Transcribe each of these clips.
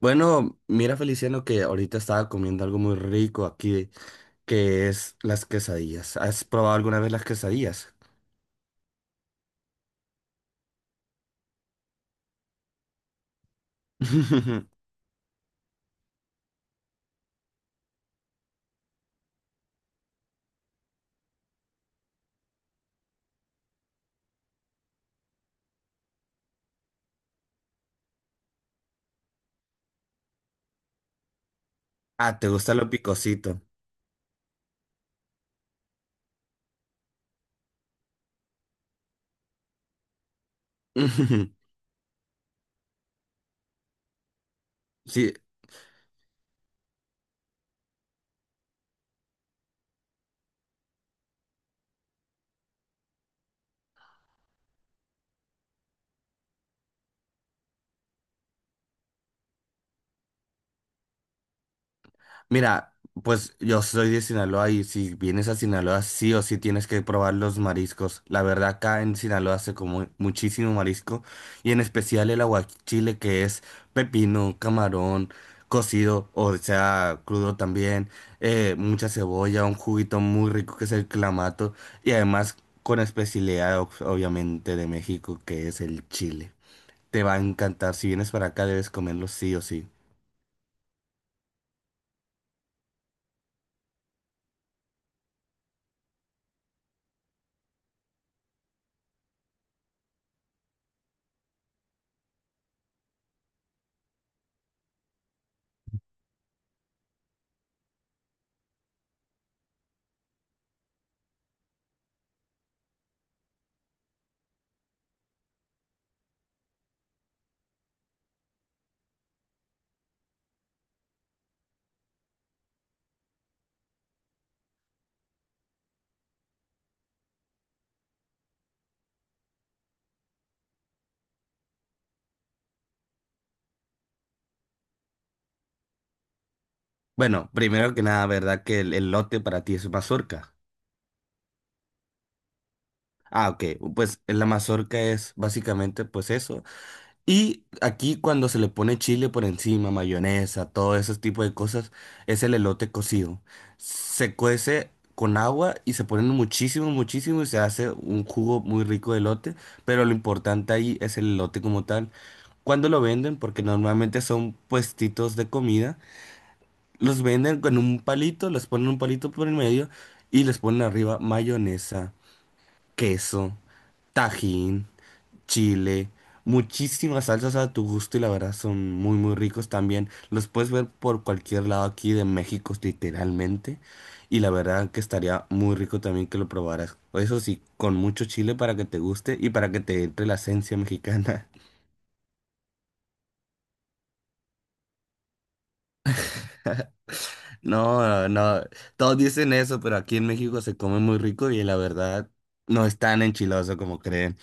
Bueno, mira Feliciano que ahorita estaba comiendo algo muy rico aquí, que es las quesadillas. ¿Has probado alguna vez las quesadillas? Ah, ¿te gusta lo picosito? Sí, mira, pues yo soy de Sinaloa y si vienes a Sinaloa sí o sí tienes que probar los mariscos. La verdad acá en Sinaloa se come muchísimo marisco y en especial el aguachile que es pepino, camarón, cocido, o sea crudo también, mucha cebolla, un juguito muy rico que es el clamato y además con especialidad obviamente de México que es el chile. Te va a encantar, si vienes para acá debes comerlo sí o sí. Bueno, primero que nada, ¿verdad que el elote para ti es mazorca? Ah, ok. Pues la mazorca es básicamente pues eso. Y aquí cuando se le pone chile por encima, mayonesa, todo ese tipo de cosas, es el elote cocido. Se cuece con agua y se pone muchísimo, muchísimo y se hace un jugo muy rico de elote, pero lo importante ahí es el elote como tal. Cuando lo venden, porque normalmente son puestitos de comida. Los venden con un palito, les ponen un palito por el medio y les ponen arriba mayonesa, queso, tajín, chile, muchísimas salsas a tu gusto y la verdad son muy muy ricos también. Los puedes ver por cualquier lado aquí de México literalmente y la verdad que estaría muy rico también que lo probaras. Eso sí, con mucho chile para que te guste y para que te entre la esencia mexicana. No, no, todos dicen eso, pero aquí en México se come muy rico y la verdad no es tan enchiloso como creen.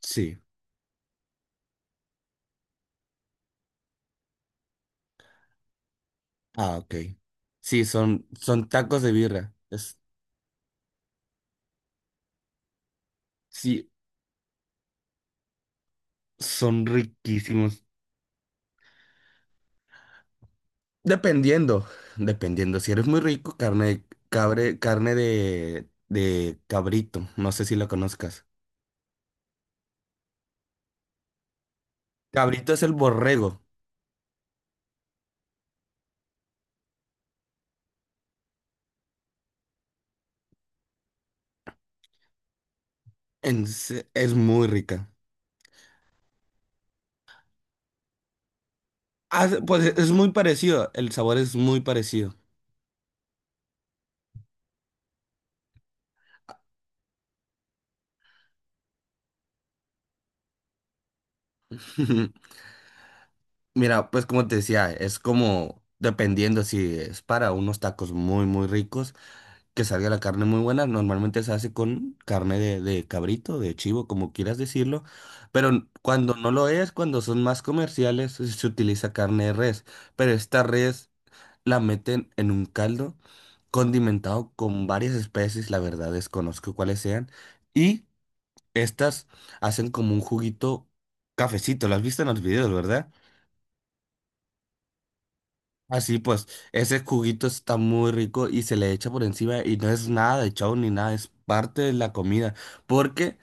Sí, ah, ok. Sí, son, son tacos de birra. Sí, son riquísimos. Dependiendo, dependiendo. Si eres muy rico, carne de cabre, carne de cabrito. No sé si la conozcas. Cabrito es el borrego. Es muy rica. Ah, pues es muy parecido. El sabor es muy parecido. Mira, pues como te decía, es como dependiendo si es para unos tacos muy, muy ricos, que salga la carne muy buena. Normalmente se hace con carne de cabrito, de chivo, como quieras decirlo. Pero cuando no lo es, cuando son más comerciales, se utiliza carne de res. Pero esta res la meten en un caldo condimentado con varias especies, la verdad desconozco cuáles sean. Y estas hacen como un juguito cafecito. Lo has visto en los videos, ¿verdad? Así pues, ese juguito está muy rico y se le echa por encima y no es nada de chau ni nada, es parte de la comida, porque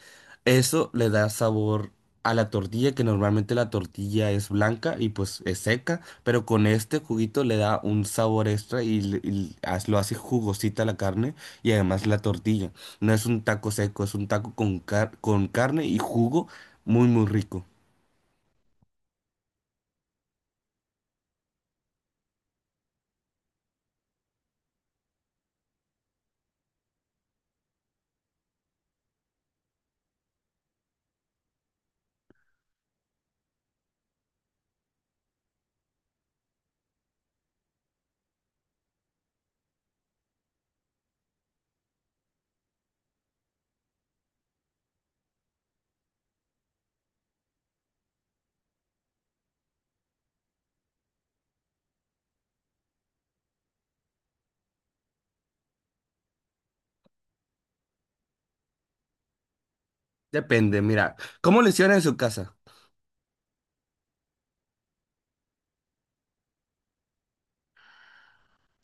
eso le da sabor a la tortilla, que normalmente la tortilla es blanca y pues es seca, pero con este juguito le da un sabor extra y, y lo hace jugosita la carne y además la tortilla. No es un taco seco, es un taco con, con carne y jugo muy muy rico. Depende, mira, ¿cómo le hicieron en su casa?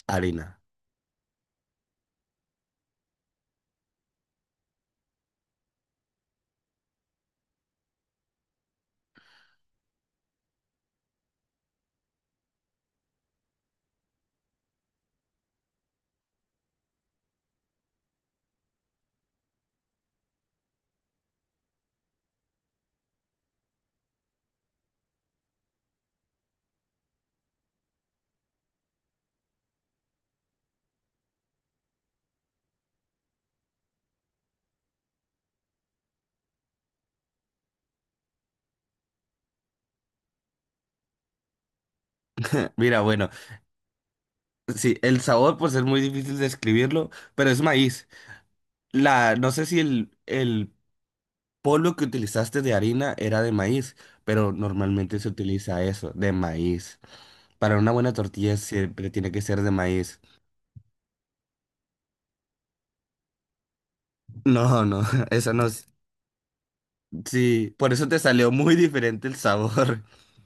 Harina. Mira, bueno. Sí, el sabor pues es muy difícil describirlo, pero es maíz. La, no sé si el polvo que utilizaste de harina era de maíz, pero normalmente se utiliza eso, de maíz. Para una buena tortilla siempre tiene que ser de maíz. No, no, eso no. Sí, por eso te salió muy diferente el sabor.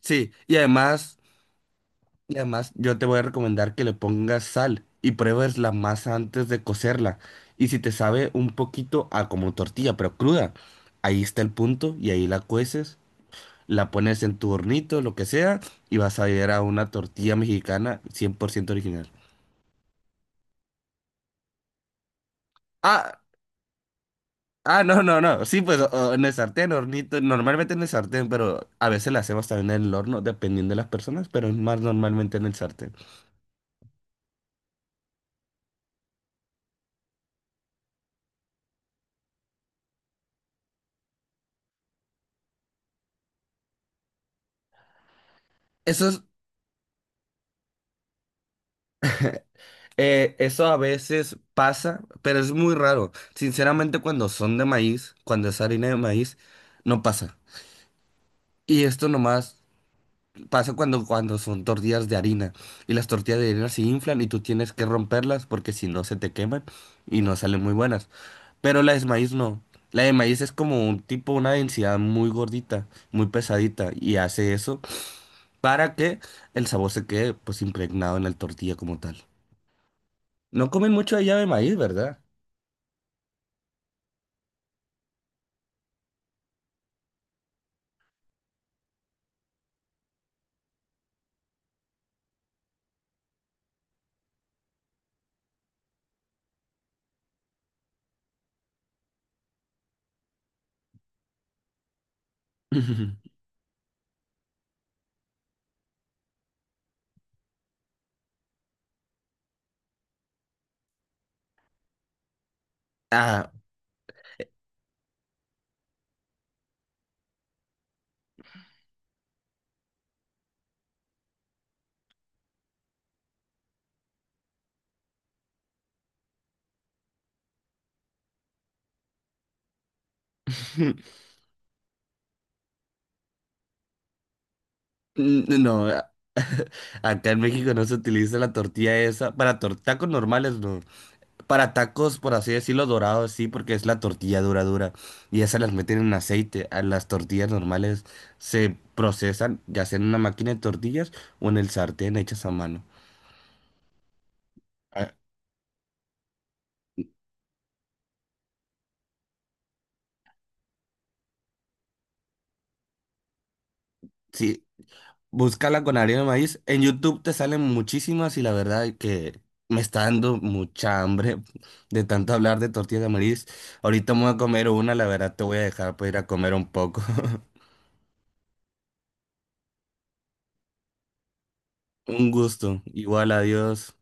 Sí, y además... Y además, yo te voy a recomendar que le pongas sal y pruebes la masa antes de cocerla. Y si te sabe un poquito a como tortilla, pero cruda, ahí está el punto y ahí la cueces, la pones en tu hornito, lo que sea, y vas a ver a una tortilla mexicana 100% original. Ah, ah, no, no, no. Sí, pues en el sartén, hornito, normalmente en el sartén, pero a veces la hacemos también en el horno, dependiendo de las personas, pero es más normalmente en el sartén. Eso es. Eso a veces pasa, pero es muy raro. Sinceramente, cuando son de maíz, cuando es harina de maíz, no pasa. Y esto nomás pasa cuando, cuando son tortillas de harina. Y las tortillas de harina se inflan y tú tienes que romperlas porque si no se te queman y no salen muy buenas. Pero la de maíz no. La de maíz es como un tipo, una densidad muy gordita, muy pesadita. Y hace eso para que el sabor se quede pues impregnado en la tortilla como tal. No comen mucho allá de maíz, ¿verdad? Ah, no, a- acá en México no se utiliza la tortilla esa. Para tacos normales, no. Para tacos, por así decirlo, dorados, sí, porque es la tortilla dura, dura. Y esas las meten en aceite. A las tortillas normales se procesan, ya sea en una máquina de tortillas o en el sartén hechas a mano. Ah, sí, búscala con harina de maíz. En YouTube te salen muchísimas y la verdad es que me está dando mucha hambre de tanto hablar de tortillas de maíz. Ahorita me voy a comer una, la verdad te voy a dejar para ir a comer un poco. Un gusto. Igual, adiós.